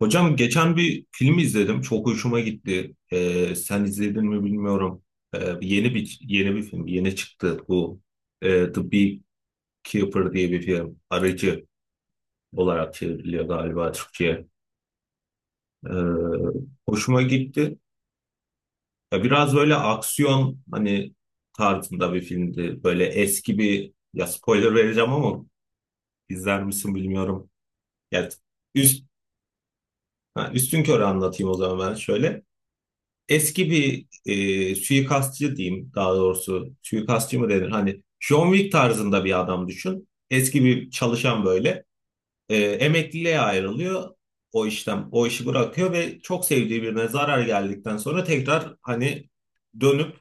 Hocam geçen bir film izledim. Çok hoşuma gitti. Sen izledin mi bilmiyorum. Yeni bir film. Yeni çıktı bu. The Beekeeper diye bir film. Arıcı olarak çevriliyor galiba Türkçe'ye. Ee, hoşuma gitti. Ya biraz böyle aksiyon, hani, tarzında bir filmdi. Böyle eski bir, ya, spoiler vereceğim ama izler misin bilmiyorum. Ya, üst, ha, üstünkörü anlatayım o zaman ben şöyle. Eski bir suikastçı diyeyim, daha doğrusu. Suikastçı mı denir? Hani John Wick tarzında bir adam düşün. Eski bir çalışan böyle. Emekliliğe ayrılıyor o işten. O işi bırakıyor ve çok sevdiği birine zarar geldikten sonra tekrar, hani, dönüp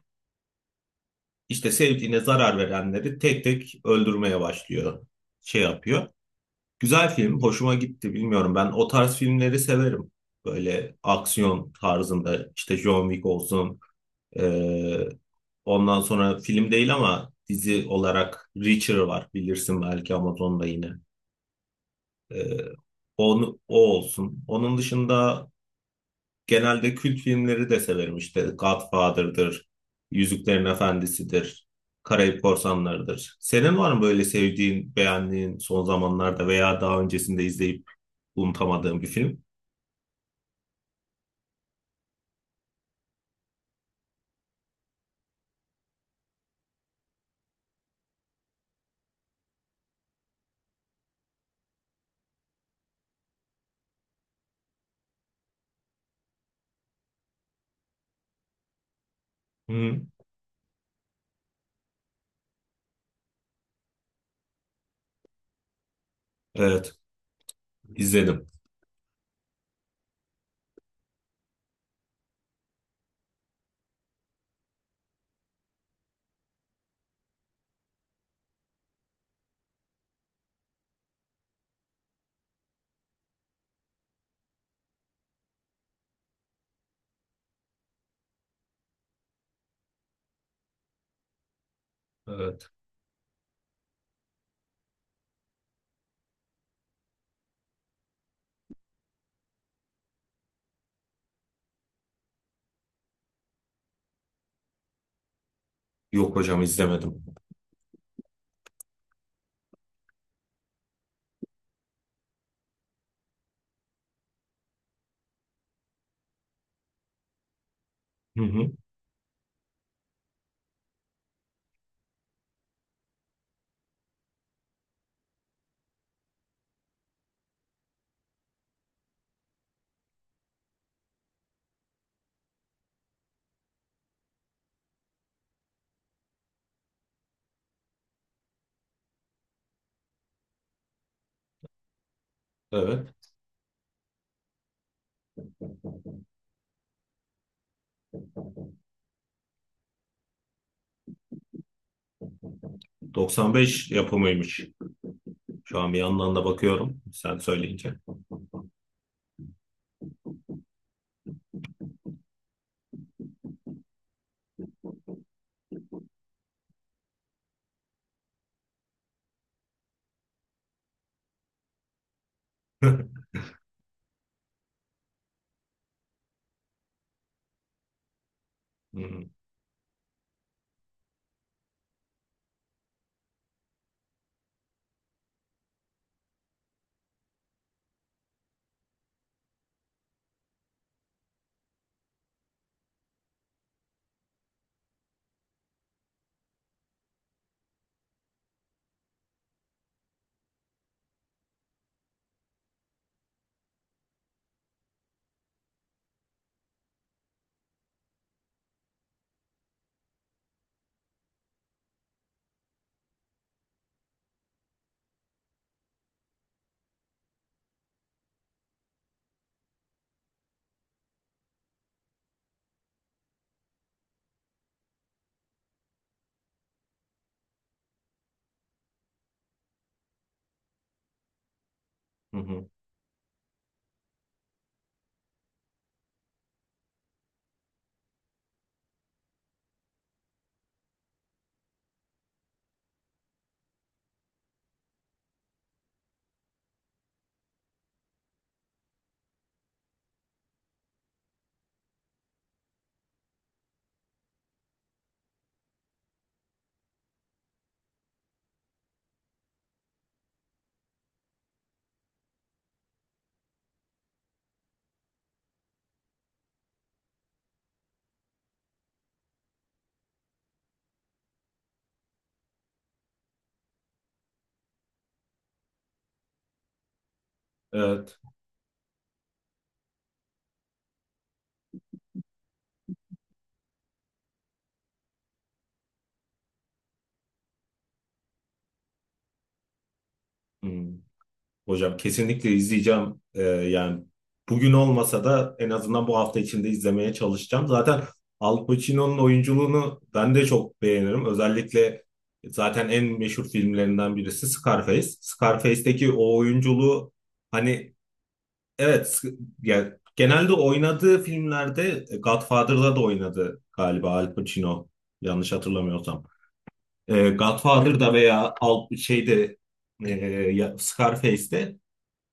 işte sevdiğine zarar verenleri tek tek öldürmeye başlıyor. Şey yapıyor. Güzel film. Hoşuma gitti. Bilmiyorum, ben o tarz filmleri severim. Böyle aksiyon tarzında, işte, John Wick olsun. Ee, ondan sonra film değil ama dizi olarak Reacher var, bilirsin belki, Amazon'da yine. Ee, o olsun. Onun dışında genelde kült filmleri de severim, işte Godfather'dır, Yüzüklerin Efendisi'dir, Karayip Korsanları'dır. Senin var mı böyle sevdiğin, beğendiğin son zamanlarda veya daha öncesinde izleyip unutamadığın bir film? Hı, evet, izledim. Evet. Yok hocam, izlemedim. Hı hı. Evet. 95 yapımıymış. Şu an bir yandan da bakıyorum, sen söyleyince. Hı hı, hı hı. Evet. Hı. Hocam kesinlikle izleyeceğim. Yani bugün olmasa da en azından bu hafta içinde izlemeye çalışacağım. Zaten Al Pacino'nun oyunculuğunu ben de çok beğenirim. Özellikle zaten en meşhur filmlerinden birisi Scarface. Scarface'deki o oyunculuğu, hani, evet, yani genelde oynadığı filmlerde, Godfather'da da oynadı galiba Al Pacino, yanlış hatırlamıyorsam. Godfather'da veya Al şeyde, e, Scarface'de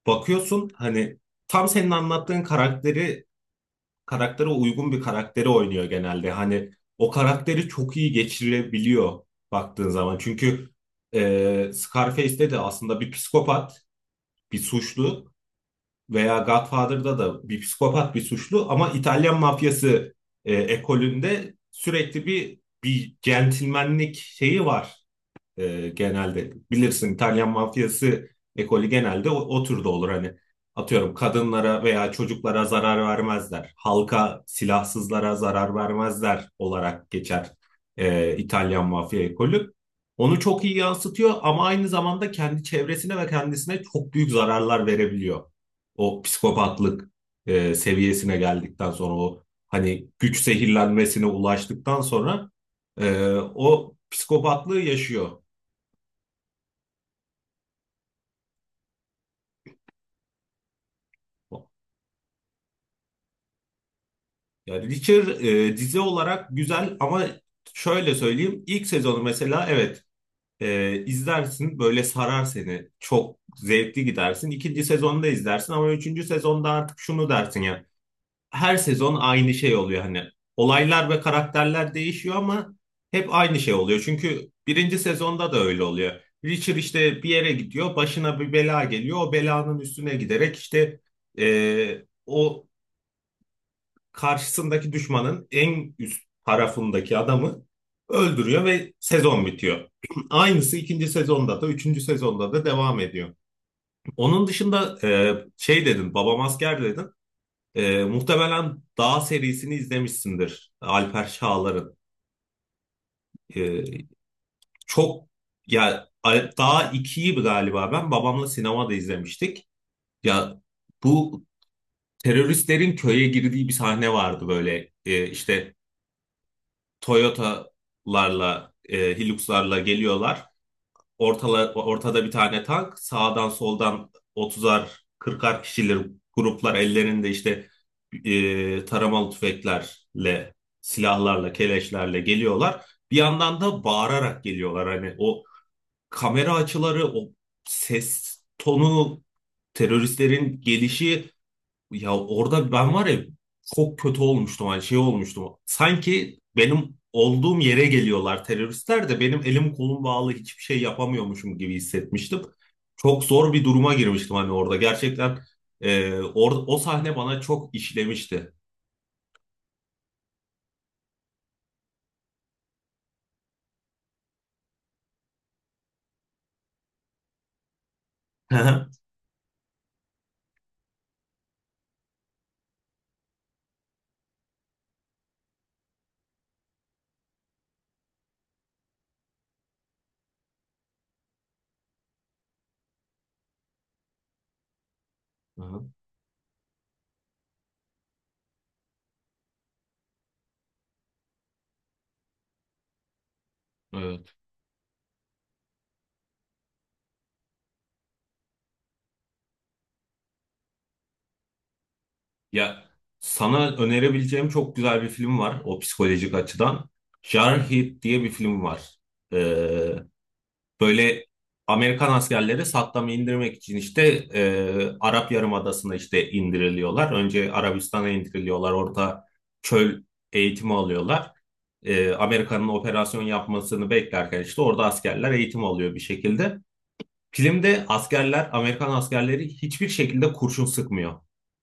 bakıyorsun, hani, tam senin anlattığın karakteri, karaktere uygun bir karakteri oynuyor genelde. Hani o karakteri çok iyi geçirebiliyor baktığın zaman. Çünkü, Scarface'de de aslında bir psikopat, bir suçlu, veya Godfather'da da bir psikopat bir suçlu ama İtalyan mafyası ekolünde sürekli bir centilmenlik şeyi var, genelde. Bilirsin, İtalyan mafyası ekolü genelde o türde olur hani. Atıyorum kadınlara veya çocuklara zarar vermezler. Halka, silahsızlara zarar vermezler olarak geçer İtalyan mafya ekolü. Onu çok iyi yansıtıyor ama aynı zamanda kendi çevresine ve kendisine çok büyük zararlar verebiliyor. O psikopatlık seviyesine geldikten sonra, o, hani, güç zehirlenmesine ulaştıktan sonra, e, o psikopatlığı yaşıyor. Yani Witcher dizi olarak güzel ama şöyle söyleyeyim, ilk sezonu mesela, evet, izlersin, böyle sarar seni, çok zevkli gidersin. İkinci sezonu da izlersin ama üçüncü sezonda artık şunu dersin: ya, her sezon aynı şey oluyor, hani, olaylar ve karakterler değişiyor ama hep aynı şey oluyor. Çünkü birinci sezonda da öyle oluyor. Witcher işte bir yere gidiyor, başına bir bela geliyor, o belanın üstüne giderek işte o karşısındaki düşmanın en üst tarafındaki adamı öldürüyor ve sezon bitiyor. Aynısı ikinci sezonda da, üçüncü sezonda da devam ediyor. Onun dışında, şey dedin, Babam Asker dedin. Muhtemelen Dağ serisini izlemişsindir, Alper Çağlar'ın. E, çok ya, Dağ 2'yi galiba ben babamla sinemada izlemiştik. Ya bu teröristlerin köye girdiği bir sahne vardı böyle. E, işte Toyota'larla, Hilux'larla geliyorlar. Ortada bir tane tank. Sağdan soldan 30'ar, 40'ar kişiler, gruplar ellerinde işte taramalı tüfeklerle, silahlarla, keleşlerle geliyorlar. Bir yandan da bağırarak geliyorlar. Hani o kamera açıları, o ses tonu, teröristlerin gelişi, ya orada, ben var ya, çok kötü olmuştum, hani, şey olmuştum. Sanki benim olduğum yere geliyorlar teröristler de benim elim kolum bağlı hiçbir şey yapamıyormuşum gibi hissetmiştim. Çok zor bir duruma girmiştim, hani, orada. Gerçekten o sahne bana çok işlemişti. Hı. Evet. Ya sana önerebileceğim çok güzel bir film var, o psikolojik açıdan. Jarhead diye bir film var. E, Böyle Amerikan askerleri Saddam'ı indirmek için işte Arap Yarımadası'na işte indiriliyorlar. Önce Arabistan'a indiriliyorlar. Orada çöl eğitimi alıyorlar. Amerika'nın operasyon yapmasını beklerken işte orada askerler eğitim alıyor bir şekilde. Filmde askerler, Amerikan askerleri, hiçbir şekilde kurşun sıkmıyor.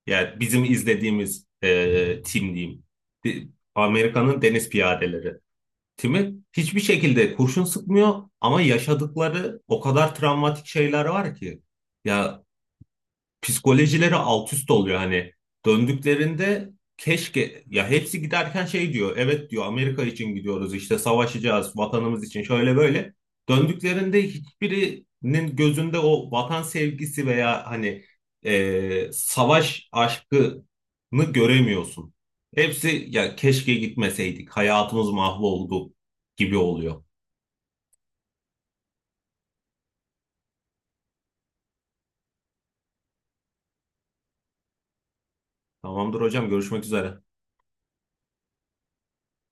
Yani bizim izlediğimiz tim diyeyim. Di- Amerika'nın deniz piyadeleri. Tim'e hiçbir şekilde kurşun sıkmıyor ama yaşadıkları o kadar travmatik şeyler var ki. Ya psikolojileri alt üst oluyor, hani, döndüklerinde keşke, ya, hepsi giderken şey diyor, evet diyor, Amerika için gidiyoruz, işte, savaşacağız vatanımız için, şöyle böyle. Döndüklerinde hiçbirinin gözünde o vatan sevgisi veya, hani, savaş aşkını göremiyorsun. Hepsi, ya keşke gitmeseydik, hayatımız mahvoldu, gibi oluyor. Tamamdır hocam, görüşmek üzere.